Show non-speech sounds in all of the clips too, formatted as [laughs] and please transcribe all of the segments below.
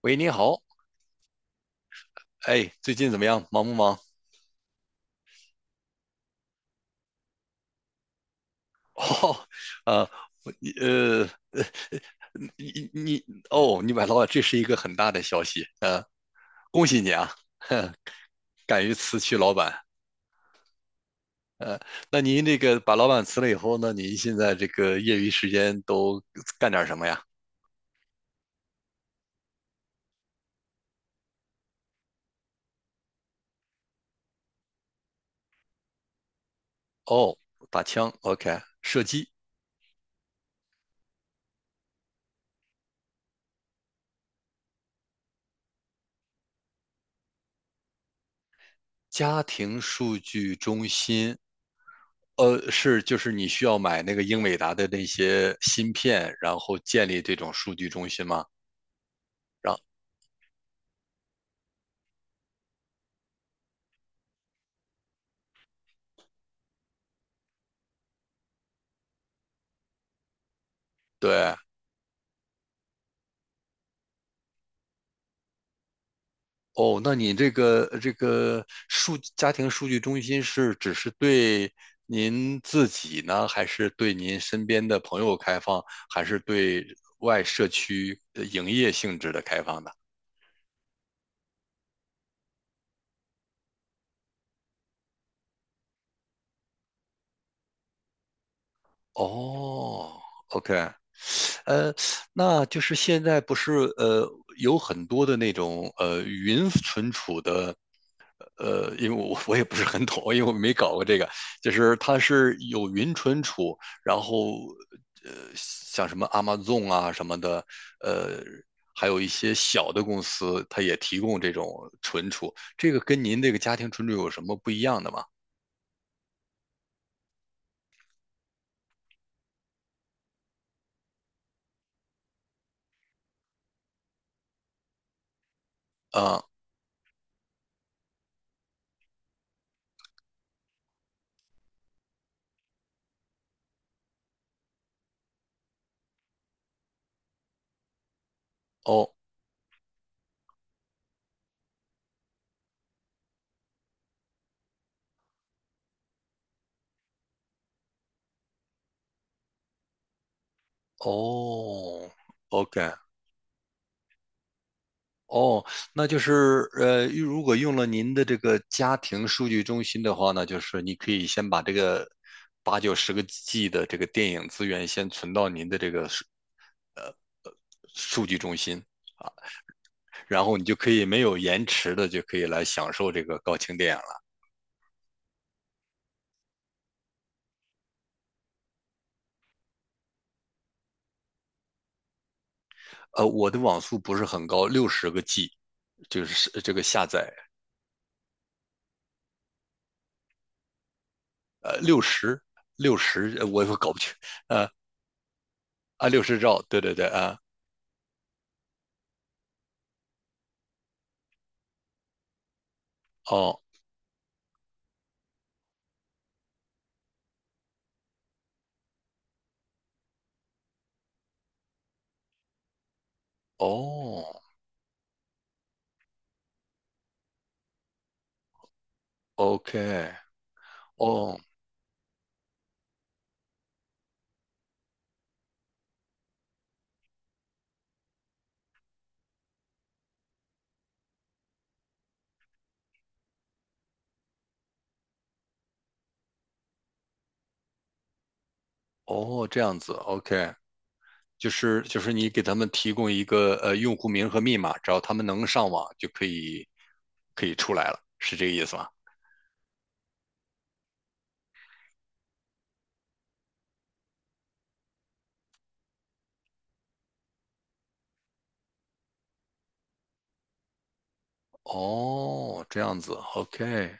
喂，你好。哎，最近怎么样？忙不忙？[laughs] 哦，呃，你呃，你你哦，你买老板，这是一个很大的消息，恭喜你啊。[laughs] 敢于辞去老板。呃，那您这个把老板辞了以后呢，您现在这个业余时间都干点什么呀？哦，打枪，OK，射击。家庭数据中心，是就是你需要买那个英伟达的那些芯片，然后建立这种数据中心吗？让对。哦，那你这个数家庭数据中心是只是对您自己呢，还是对您身边的朋友开放，还是对外社区呃营业性质的开放的？哦，OK。呃，那就是现在不是呃有很多的那种呃云存储的。因为我 [laughs] 我也不是很懂，因为我没搞过这个，就是它是有云存储，然后像什么 Amazon 啊什么的。呃，还有一些小的公司，它也提供这种存储，这个跟您这个家庭存储有什么不一样的吗？啊，哦哦，OK。哦，那就是如果用了您的这个家庭数据中心的话呢，就是你可以先把这个八九十个 G 的这个电影资源先存到您的这个呃数据中心啊，然后你就可以没有延迟的就可以来享受这个高清电影了。我的网速不是很高，六十个 G 就是这个下载。呃，六十六十我也搞不清。呃啊六十兆，对对对啊。哦哦，OK。哦。哦，这样子，OK。就是你给他们提供一个呃用户名和密码，只要他们能上网就可以出来了，是这个意思吗？哦，这样子，OK。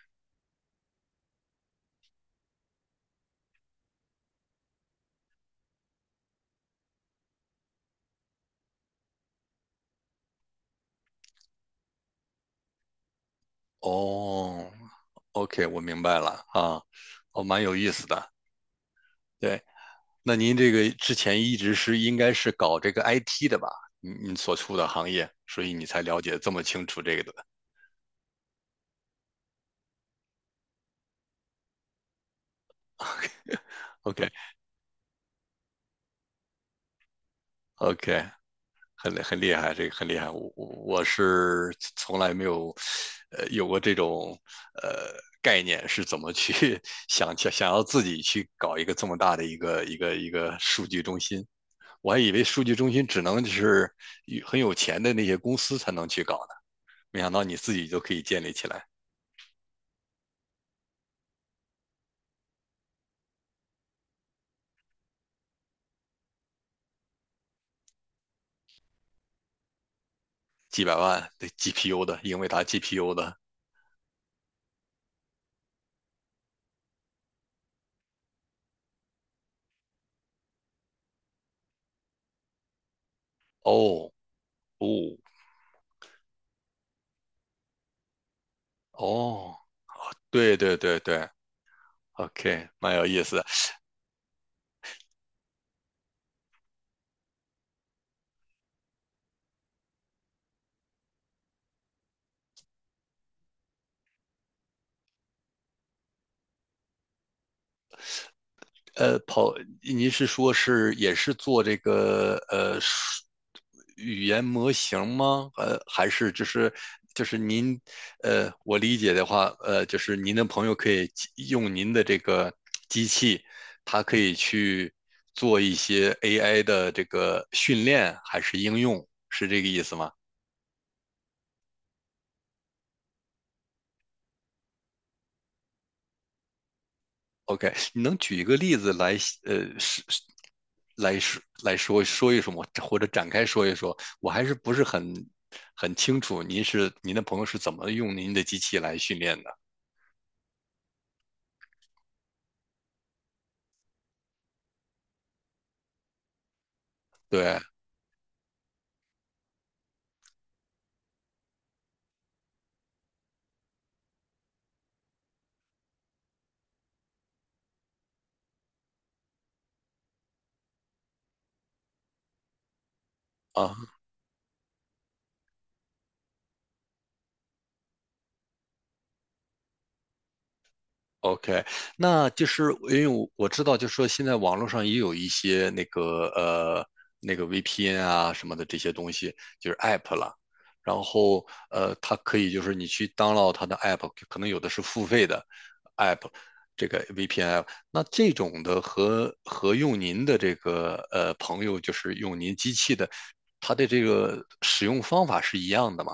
哦，OK，我明白了啊。哦，蛮有意思的。对，那您这个之前一直是应该是搞这个 IT 的吧？你你所处的行业，所以你才了解这么清楚这个的。OK，OK。很很厉害，这个很厉害。我我是从来没有，有过这种呃概念，是怎么去 [laughs] 想要自己去搞一个这么大的一个数据中心。我还以为数据中心只能就是很有钱的那些公司才能去搞呢，没想到你自己就可以建立起来。几百万的 GPU 的英伟达 GPU 的。哦哦哦，对对对对，OK,蛮有意思。呃，跑，您是说是也是做这个语言模型吗？还是就是您，我理解的话，就是您的朋友可以机用您的这个机器，它可以去做一些 AI 的这个训练还是应用，是这个意思吗？OK。[laughs] 你能举一个例子来，呃，是是来说说一说吗？或者展开说一说？我还是不是很清楚，您是您的朋友是怎么用您的机器来训练的？对啊，OK。那就是因为我知道，就是说现在网络上也有一些那个VPN 啊什么的这些东西，就是 App 了。然后它可以就是你去 download 它的 App，可能有的是付费的 App，这个 VPN 那这种的和用您的这个呃朋友就是用您机器的，它的这个使用方法是一样的吗？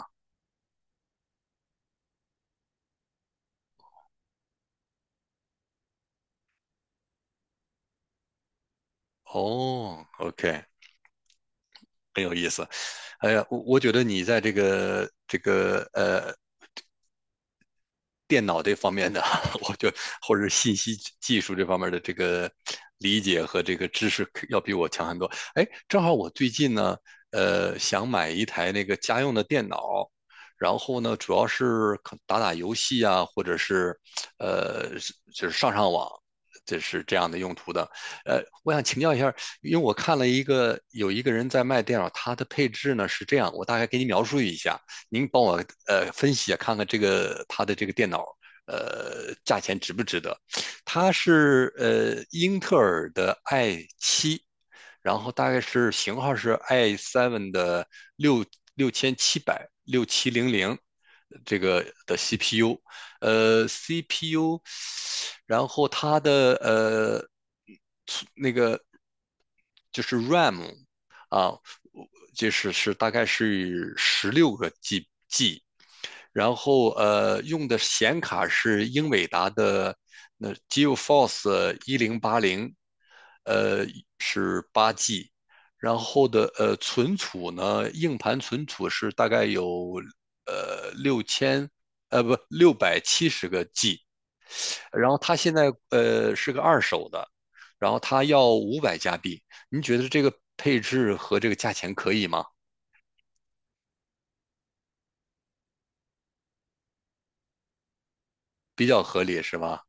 哦，OK，很有意思。哎呀，我觉得你在这个电脑这方面的，[laughs] 我就或者信息技术这方面的这个理解和这个知识要比我强很多。哎，正好我最近呢，想买一台那个家用的电脑，然后呢，主要是可打打游戏啊，或者是呃，就是上上网。这是这样的用途的。我想请教一下，因为我看了一个有一个人在卖电脑，他的配置呢是这样，我大概给你描述一下，您帮我分析啊，看看这个它的这个电脑呃价钱值不值得？它是呃英特尔的 i7，然后大概是型号是 i seven 的六六千七百六七零零这个的 CPU，呃 CPU，然后它的就是 RAM 啊，就是是大概是十六个 G。然后呃用的显卡是英伟达的那 GeForce 1080。呃，然后的呃存储呢，硬盘存储是大概有呃六千呃不六百七十个 G，然后它现在呃是个二手的，然后它要五百加币。您觉得这个配置和这个价钱可以吗？比较合理是吧？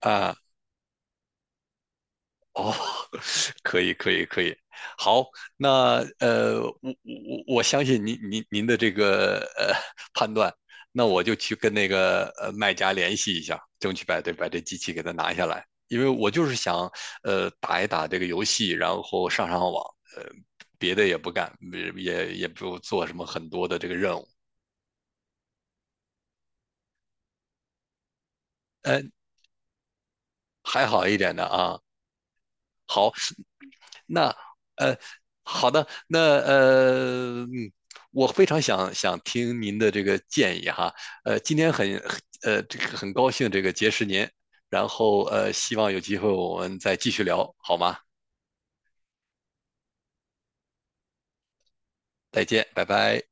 啊，哦，[laughs] 可以，可以，可以。好，那我相信您的这个判断，那我就去跟那个呃卖家联系一下，争取把这机器给它拿下来，因为我就是想呃打一打这个游戏，然后上上网。呃，别的也不干，也不做什么很多的这个任务。呃，还好一点的啊。那呃，好的，那我非常听您的这个建议哈。今天这个很高兴这个结识您，然后希望有机会我们再继续聊，好吗？再见，拜拜。